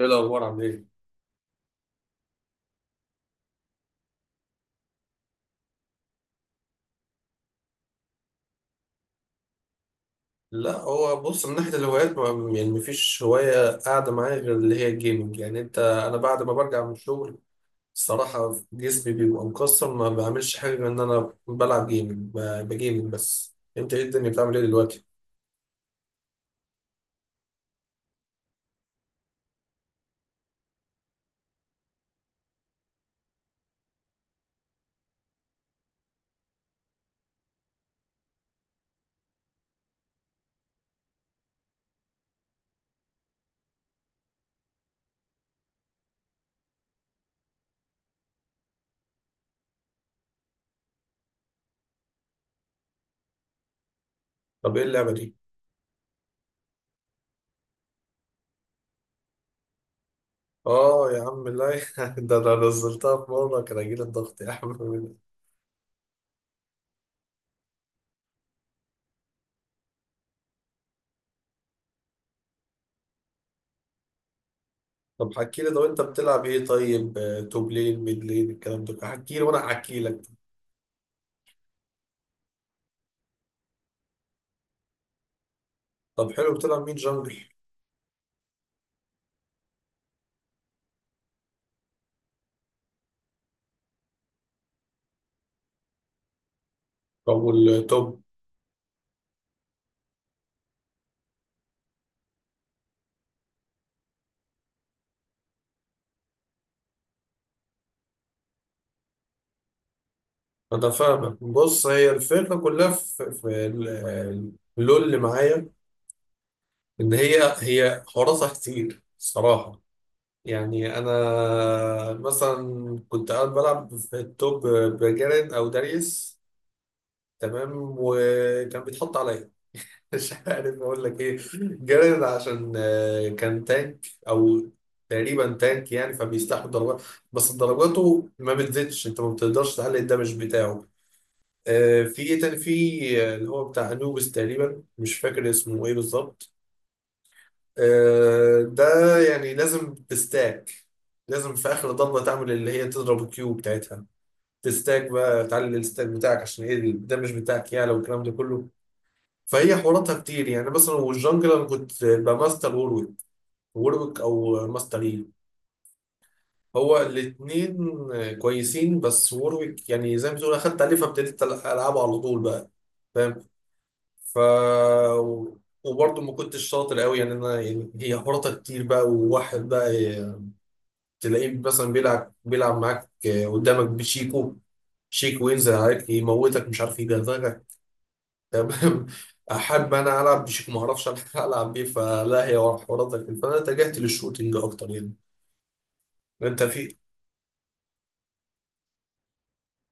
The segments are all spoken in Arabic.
ايه الاخبار؟ عامل ايه؟ لا، هو بص، من ناحية الهوايات ما يعني مفيش هواية قاعدة معايا غير اللي هي الجيمنج. يعني انا بعد ما برجع من الشغل الصراحة جسمي بيبقى مكسر، ما بعملش حاجة غير ان انا بلعب جيمنج، بجيمنج. بس انت ايه، الدنيا بتعمل ايه دلوقتي؟ طب ايه اللعبة دي؟ اه يا عم، لا، ده انا نزلتها في مرة كان هيجيلي الضغط يا عم. طب حكي لي، طب انت بتلعب ايه طيب؟ توب لين، ميد لين، الكلام ده، حكي لي وانا احكي لك. طب حلو، بتلعب مين جنجل؟ طب والتوب؟ أنا فاهمك. بص، هي الفكرة كلها في اللول اللي معايا إن هي حواراتها كتير الصراحة. يعني أنا مثلا كنت قاعد بلعب في التوب بجارين أو داريس، تمام، وكان بيتحط عليا. مش عارف أقول لك إيه، جارين عشان كان تانك أو تقريبا تانك، يعني فبيستحمل ضربات بس ضرباته ما بتزيدش، أنت ما بتقدرش تعلي الدمج بتاعه. في ايه تاني، في اللي هو بتاع انوبس تقريبا، مش فاكر اسمه ايه بالظبط، ده يعني لازم تستاك، لازم في اخر ضربه تعمل اللي هي تضرب الكيو بتاعتها، تستاك بقى، تعلي الستاك بتاعك، عشان ايه ده مش بتاعك يعلى، والكلام ده كله. فهي حواراتها كتير، يعني مثلا والجنجل انا كنت بماستر وورويك، وورويك او ماستر يي، هو الاثنين كويسين، بس وورويك يعني زي ما تقول اخدت عليه فابتديت العبه على طول بقى، فاهم. ف وبرضه ما كنتش شاطر قوي، يعني انا، يعني هي حراطه كتير بقى، وواحد بقى تلاقيه مثلا بيلعب معاك، قدامك بشيكو، شيكو ينزل عليك يموتك، مش عارف يجرزك. تمام. احب انا العب بشيكو ما اعرفش. العب بيه، فلا هي حراطه كتير، فانا اتجهت للشوتينج اكتر يعني. انت في؟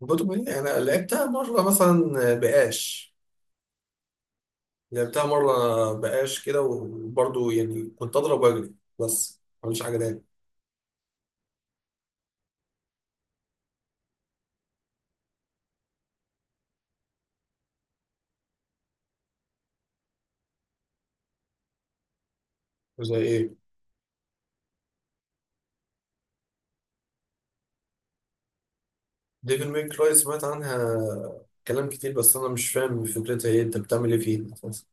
بطل. انا لعبتها مره مثلا بقاش، لعبتها مره بقاش كده وبرضه يعني كنت اضرب واجري بس، ما عملش حاجه تاني. زي ايه؟ ديفل ميك كراي، سمعت عنها كلام كتير بس انا مش فاهم فكرتها ايه، انت بتعمل ايه فيها أساساً؟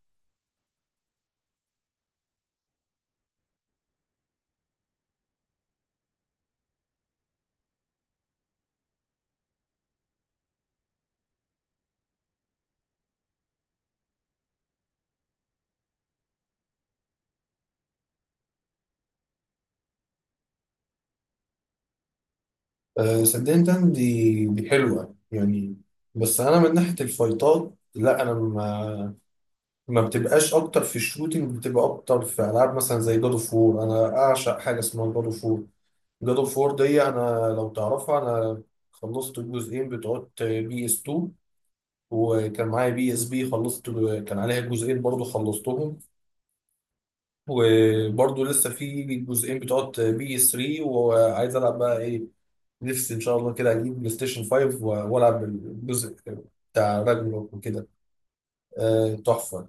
أه، صدقني، تاني، دي حلوه يعني، بس انا من ناحيه الفايتات لا، انا ما، ما بتبقاش اكتر في الشوتينج، بتبقى اكتر في العاب مثلا زي جاد اوف وور. انا اعشق حاجه اسمها جاد اوف وور. جاد اوف وور دي انا لو تعرفها، انا خلصت الجزئين بتوع بي اس 2، وكان معايا بي اس بي، خلصت، كان عليها جزئين برضه خلصتهم، وبرضه لسه في جزئين بتوع بي اس 3، وعايز العب بقى ايه. نفسي ان شاء الله كده اجيب بلاي ستيشن 5 والعب الجزء بتاع راجنروك وكده. تحفه.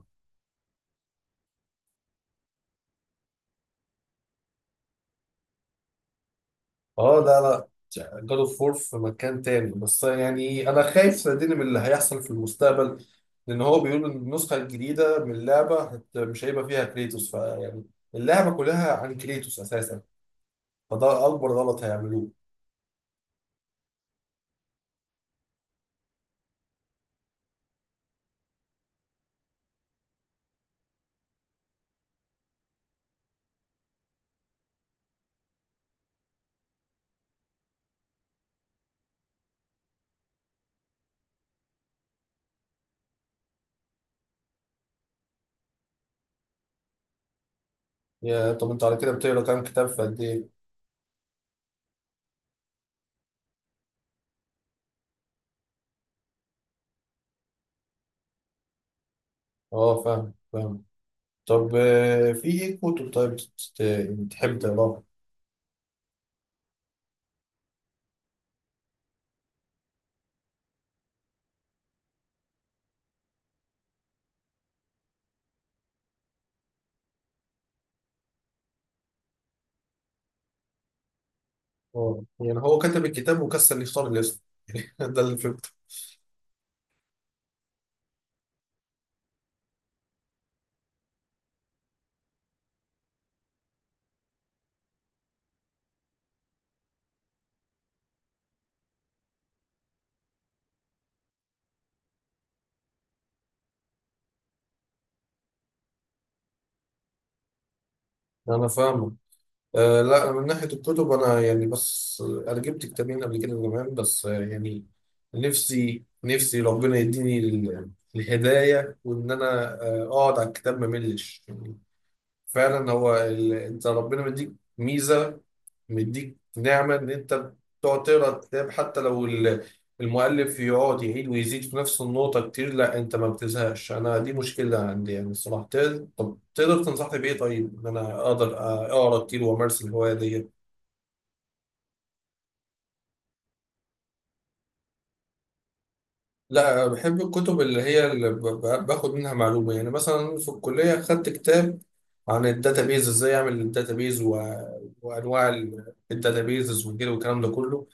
اه، لا لا. جاد اوف وور في مكان تاني، بس يعني انا خايف صدقني من اللي هيحصل في المستقبل، لان هو بيقول ان النسخه الجديده من اللعبه مش هيبقى فيها كريتوس، فيعني اللعبه كلها عن كريتوس اساسا، فده اكبر غلط هيعملوه. يا، طب انت على كده بتقرا كام كتاب، في قد ايه؟ اه، فاهم فاهم. طب في ايه كتب طيب بتحب تقراها؟ اه، يعني هو كتب الكتاب وكسل يختار الاسم؟ ده اللي فهمته. انا فاهمه. آه لا، من ناحيه الكتب انا يعني، بس انا جبت كتابين قبل كده زمان، بس يعني نفسي، نفسي ربنا يديني الهدايه، وان انا اقعد على الكتاب ما ملش يعني. فعلا هو انت ربنا مديك ميزه، مديك نعمة إن أنت تقعد تقرا الكتاب حتى لو المؤلف يقعد يعيد ويزيد في نفس النقطة كتير لا أنت ما بتزهقش. أنا دي مشكلة عندي يعني الصراحة، طب تقدر تنصحني بإيه طيب، إن أنا أقدر أقرا كتير وأمارس الهواية دي؟ لا، بحب الكتب اللي هي اللي باخد منها معلومة، يعني مثلا في الكلية خدت كتاب عن الداتابيز، ازاي اعمل الداتابيز، و... وانواع الداتابيزز وكده والكلام ده كله.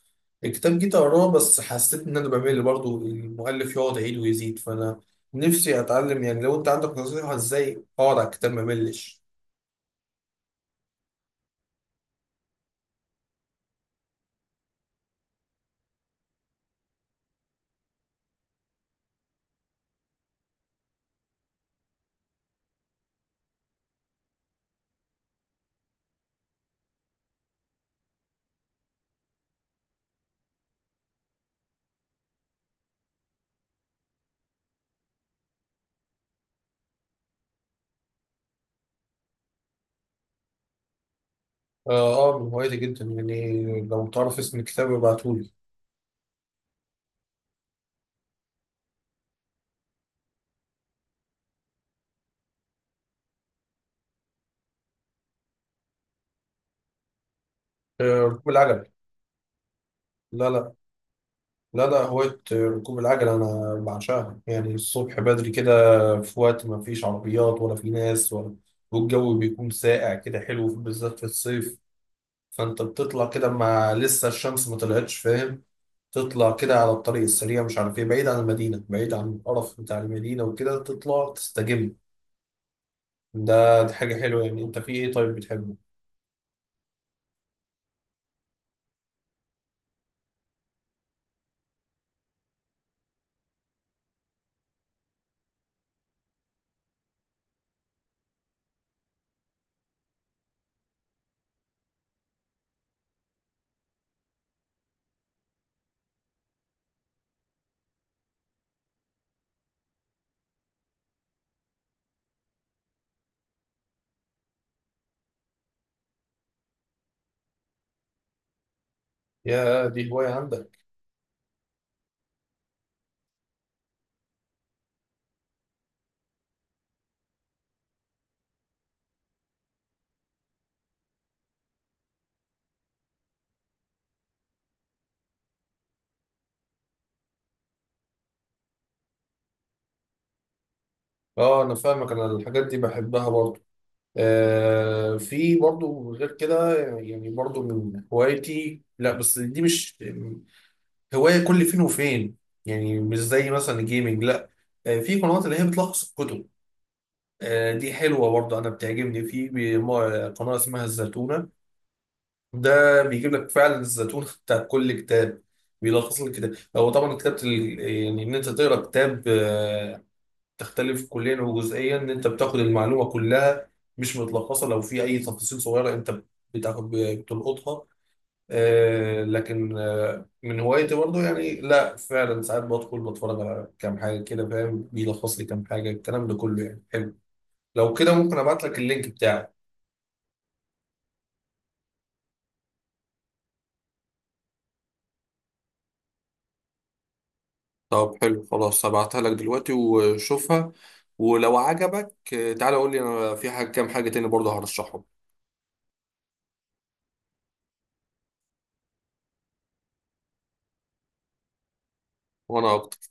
الكتاب جيت اقراه بس حسيت ان انا بمل برضه، المؤلف يقعد يعيد ويزيد، فانا نفسي اتعلم يعني، لو انت عندك نصيحة ازاي اقعد على الكتاب ما ملش. اه اه، من هوايتي جدا يعني، لو تعرف اسم الكتاب ابعتهولي. آه، ركوب العجل. لا لا، لا ده هواية، ركوب العجلة أنا بعشقها يعني. الصبح بدري كده في وقت ما فيش عربيات ولا في ناس ولا، والجو بيكون ساقع كده حلو بالذات في الصيف، فأنت بتطلع كده ما لسه الشمس ما طلعتش، فاهم؟ تطلع كده على الطريق السريع مش عارف إيه، بعيد عن المدينة، بعيد عن القرف بتاع المدينة وكده، تطلع تستجم. دي حاجة حلوة يعني. أنت في إيه طيب بتحبه؟ يا دي هواية عندك؟ آه أنا فاهمك، أنا الحاجات دي بحبها برضه. في برضو غير كده، يعني برضو من هوايتي، لا بس دي مش هواية كل فين وفين، يعني مش زي مثلا الجيمنج، لا. في قنوات اللي هي بتلخص الكتب. دي حلوة برضو، أنا بتعجبني في بي- ما- قناة اسمها الزتونة. ده بيجيب لك فعلا الزتونة بتاع كل كتاب، بيلخص لك كتاب. هو طبعا كتابة يعني إن أنت تقرأ كتاب تختلف كليا وجزئيا، ان انت بتاخد المعلومه كلها مش متلخصه، لو في اي تفاصيل صغيره انت بتلقطها. لكن من هوايتي برضو يعني، لا فعلا ساعات بدخل بتفرج على كام حاجه كده فاهم، بيلخص لي كام حاجه، الكلام ده كله يعني حلو. لو كده ممكن ابعت لك اللينك بتاعي. طب حلو خلاص، هبعتها لك دلوقتي وشوفها، ولو عجبك تعالى قول لي، انا في كام حاجه تاني برضه هرشحهم. وانا